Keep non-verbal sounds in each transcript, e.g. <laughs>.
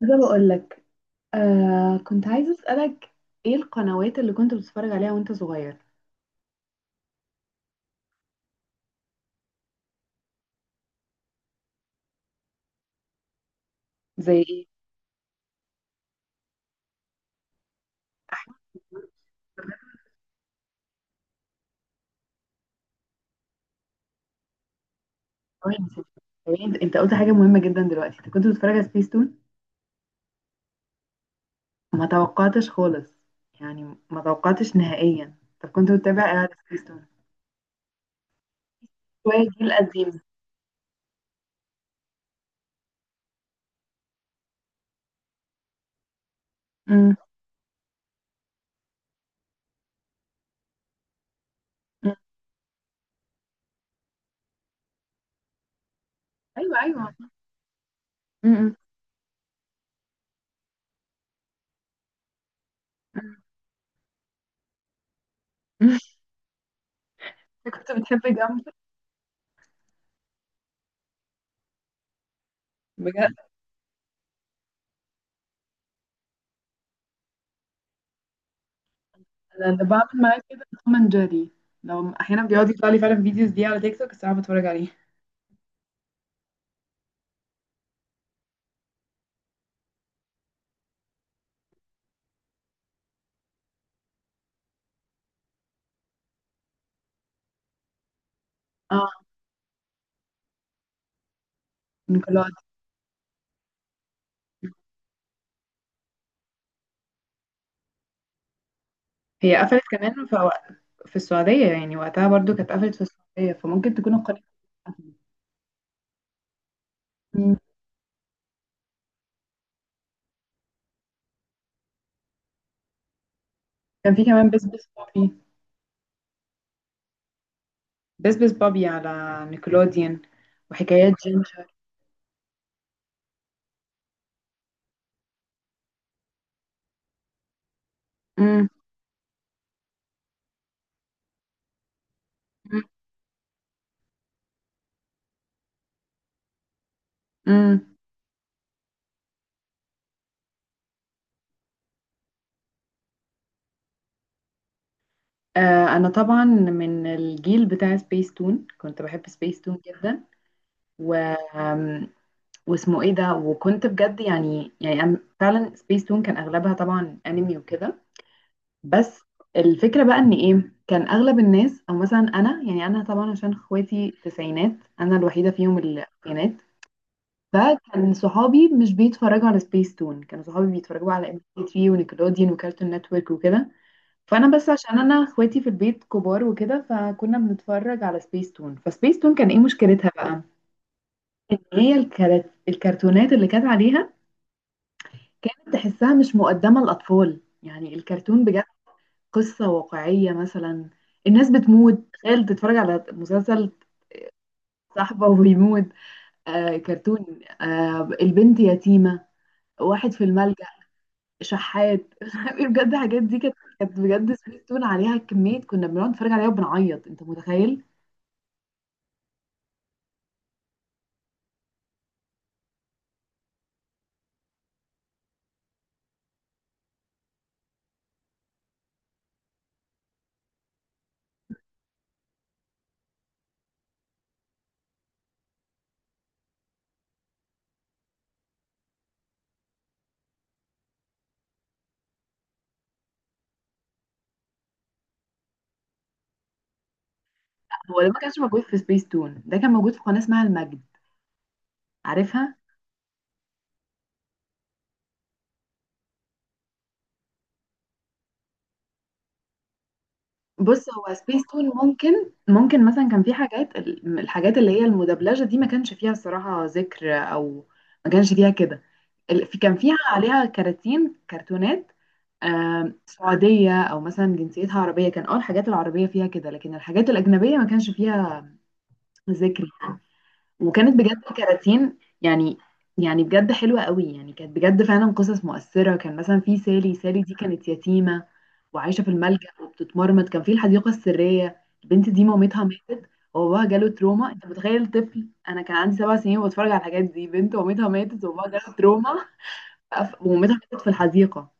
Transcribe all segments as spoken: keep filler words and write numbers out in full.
ده بقول لك. آه كنت عايزة أسألك، ايه القنوات اللي كنت بتتفرج عليها وانت صغير؟ زي ايه؟ أوي نسيت. طب، انت قلت حاجة مهمة جدا دلوقتي، انت كنت بتتفرج على سبيستون؟ ما توقعتش خالص، يعني ما توقعتش نهائيا. طب كنت بتتابع ايه على سبيستون؟ شوية الجيل القديم. أمم، أمم. ايوه ايوه. أمم، أمم. <laughs> انت كنت بتحب جنب؟ بجد؟ انا أنا بعمل معاك كده توم اند جيري، لو احيانا بيقعد يطلع لي فعلا فيديوز دي على تيك توك الساعة بتفرج عليه. اه، هي قفلت كمان في وق- في السعودية، يعني وقتها برضو كانت قفلت في السعودية فممكن تكون القناة قفلت. مم. كان في كمان بس بس بابي. بس بس بابي على نيكلوديان، وحكايات جينجر. مم. مم. مم. آه أنا طبعا من الجيل بتاع سبيس تون، كنت بحب سبيس تون جدا. و آم، واسمه ايه ده، وكنت بجد يعني يعني أنا فعلا سبيس تون كان اغلبها طبعا انمي وكده. بس الفكرة بقى ان ايه، كان اغلب الناس او مثلا انا، يعني انا طبعا عشان اخواتي تسعينات، انا الوحيدة فيهم اللي تسعينات. فكان صحابي مش بيتفرجوا على سبيس تون، كانوا صحابي بيتفرجوا على ام بي ثلاثة ونيكلوديان وكارتون نتورك وكده. فانا بس عشان انا اخواتي في البيت كبار وكده، فكنا بنتفرج على سبيس تون. فسبيس تون كان ايه مشكلتها بقى؟ إن هي الكرت- الكرتونات اللي كانت عليها كانت تحسها مش مقدمة للاطفال، يعني الكرتون بجد قصة واقعية مثلا. الناس بتموت، تخيل تتفرج على مسلسل صاحبه ويموت. آه كرتون، آه البنت يتيمة، واحد في الملجأ، شحات <laughs> مش عارف إيه، بجد الحاجات دي كانت، كانت بجد سبيس تون عليها كمية، كنا بنقعد نتفرج عليها وبنعيط انت متخيل. هو ده ما كانش موجود في سبيس تون، ده كان موجود في قناة اسمها المجد، عارفها؟ بص، هو سبيس تون ممكن ممكن مثلا كان في حاجات ال- الحاجات اللي هي المدبلجة دي ما كانش فيها الصراحة ذكر، أو ما كانش فيها كده. ال- في- كان فيها عليها كراتين كرتونات، آم، سعودية أو مثلا جنسيتها عربية، كان أول الحاجات العربية فيها كده، لكن الحاجات الأجنبية ما كانش فيها ذكر. وكانت بجد كراتين يعني، يعني بجد حلوة قوي، يعني كانت بجد فعلا قصص مؤثرة. كان مثلا في سالي، سالي دي كانت يتيمة وعايشة في الملجأ وبتتمرمط. كان في الحديقة السرية، البنت دي مامتها ماتت وباباها جاله تروما، انت متخيل طفل؟ انا كان عندي سبع سنين وبتفرج على الحاجات دي، بنت مامتها ماتت وباباها جاله تروما، فقف- ومامتها ماتت في الحديقة،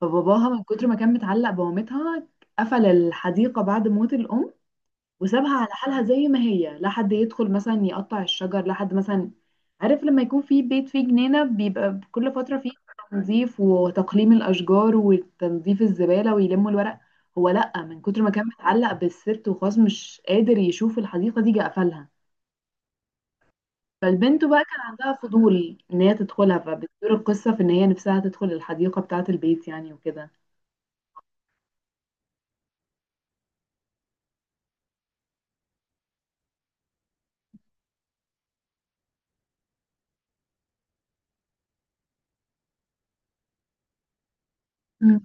فباباها من كتر ما كان متعلق بمامتها قفل الحديقة بعد موت الأم، وسابها على حالها زي ما هي، لا حد يدخل مثلا يقطع الشجر، لا حد مثلا، عارف لما يكون في بيت فيه جنينة بيبقى كل فترة فيه تنظيف وتقليم الأشجار وتنظيف الزبالة ويلموا الورق؟ هو لأ، من كتر ما كان متعلق بالسيرت وخلاص مش قادر يشوف الحديقة دي، جه قفلها. فالبنت بقى كان عندها فضول إن هي تدخلها، فبتدور القصة في إن هي نفسها تدخل الحديقة بتاعة البيت يعني وكده. مم.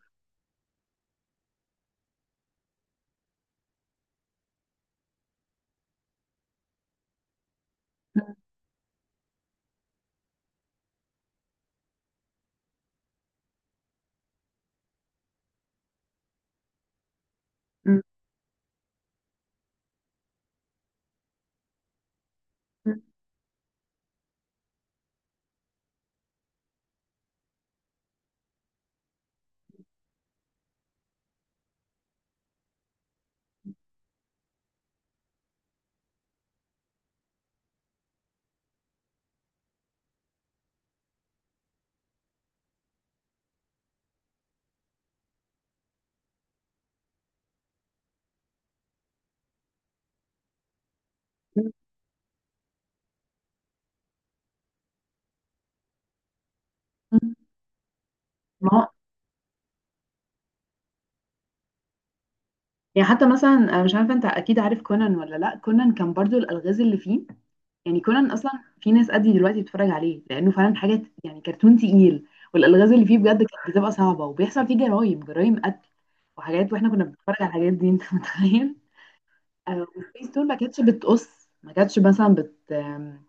مم. مم. مم. مم. ما هو يعني، حتى مثلا انا مش عارفه انت اكيد عارف كونان ولا لا، كونان كان برضو الالغاز اللي فيه، يعني كونان اصلا في ناس قدي دلوقتي بتتفرج عليه لانه فعلا حاجه ت- يعني كرتون تقيل، والالغاز اللي فيه بجد كانت بتبقى صعبه، وبيحصل فيه جرايم جرايم قتل وحاجات، واحنا كنا بنتفرج على الحاجات دي انت <laughs> متخيل؟ آه، وسبيس تون ما كانتش بتقص، ما كانتش مثلا بت آم،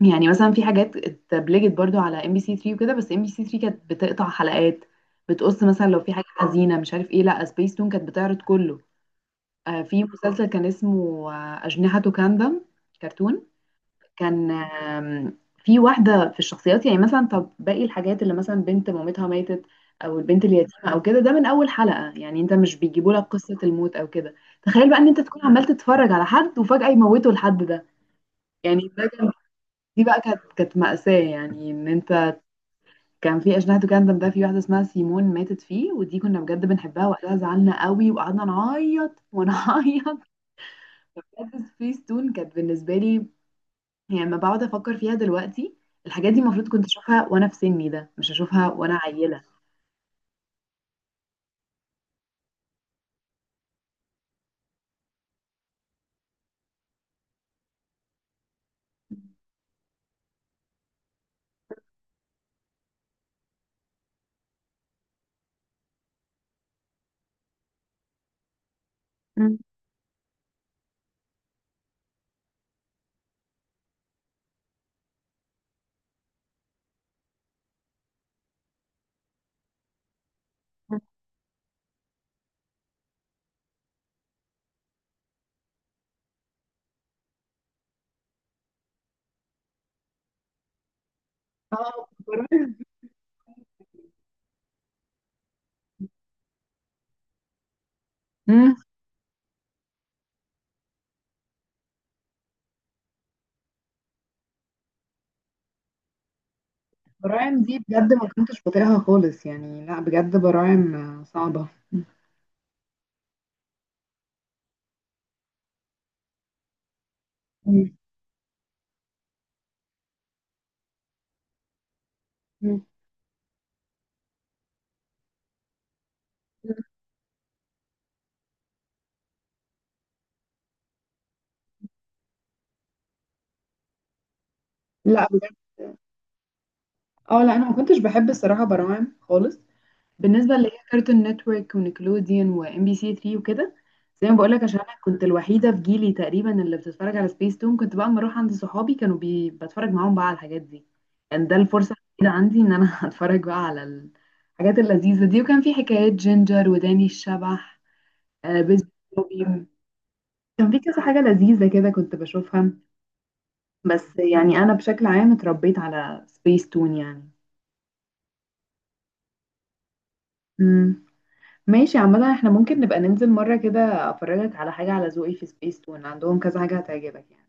يعني مثلا في حاجات اتبلجت برضو على ام بي سي ثلاثة وكده، بس ام بي سي ثلاثة كانت بتقطع حلقات، بتقص مثلا لو في حاجه حزينه مش عارف ايه، لا سبيس تون كانت بتعرض كله. آه، في مسلسل كان اسمه آه، أجنحة كاندم، كرتون. كان آم، في واحدة في الشخصيات، يعني مثلا طب باقي الحاجات اللي مثلا بنت مامتها ماتت أو البنت اليتيمة أو كده، ده من أول حلقة، يعني أنت مش بيجيبوا لك قصة الموت أو كده، تخيل بقى إن أنت تكون عمال تتفرج على حد وفجأة يموتوا الحد ده، يعني ده كان، دي بقى كانت كانت مأساة، يعني إن أنت كان في أجنحة كاندم ده في واحدة اسمها سيمون ماتت فيه، ودي كنا بجد بنحبها وقتها، زعلنا قوي وقعدنا نعيط ونعيط. بجد سبيس تون كانت بالنسبة لي، يعني لما بقعد أفكر فيها دلوقتي، الحاجات دي المفروض كنت أشوفها وأنا في سني ده، مش أشوفها وأنا عيلة. مم. اه، براعم. مم. براعم دي بجد ما كنتش بطيقها خالص، يعني لا بجد، براعم آه، صعبة. مم. مم. لا بجد. اه لا، انا ما كنتش بحب الصراحة براعم خالص. بالنسبه اللي هي كارتون نتورك ونيكلوديان وام بي سي ثلاثة وكده، زي ما بقولك عشان انا كنت الوحيده في جيلي تقريبا اللي بتتفرج على سبيس تون، كنت بقى اما اروح عند صحابي كانوا بي... بتفرج معاهم بقى على الحاجات دي، كان ده الفرصه الوحيده عندي ان انا <laughs> اتفرج بقى على الحاجات اللذيذه دي. وكان في حكايات جينجر وداني الشبح آه بيز بوبي. كان في كذا حاجه لذيذه كده كنت بشوفها، بس يعني انا بشكل عام اتربيت على سبيس تون يعني. ماشي، عامة احنا ممكن نبقى ننزل مرة كده افرجك على حاجة على ذوقي، في سبيس تون عندهم كذا حاجة هتعجبك يعني.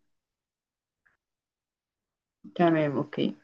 تمام، اوكي.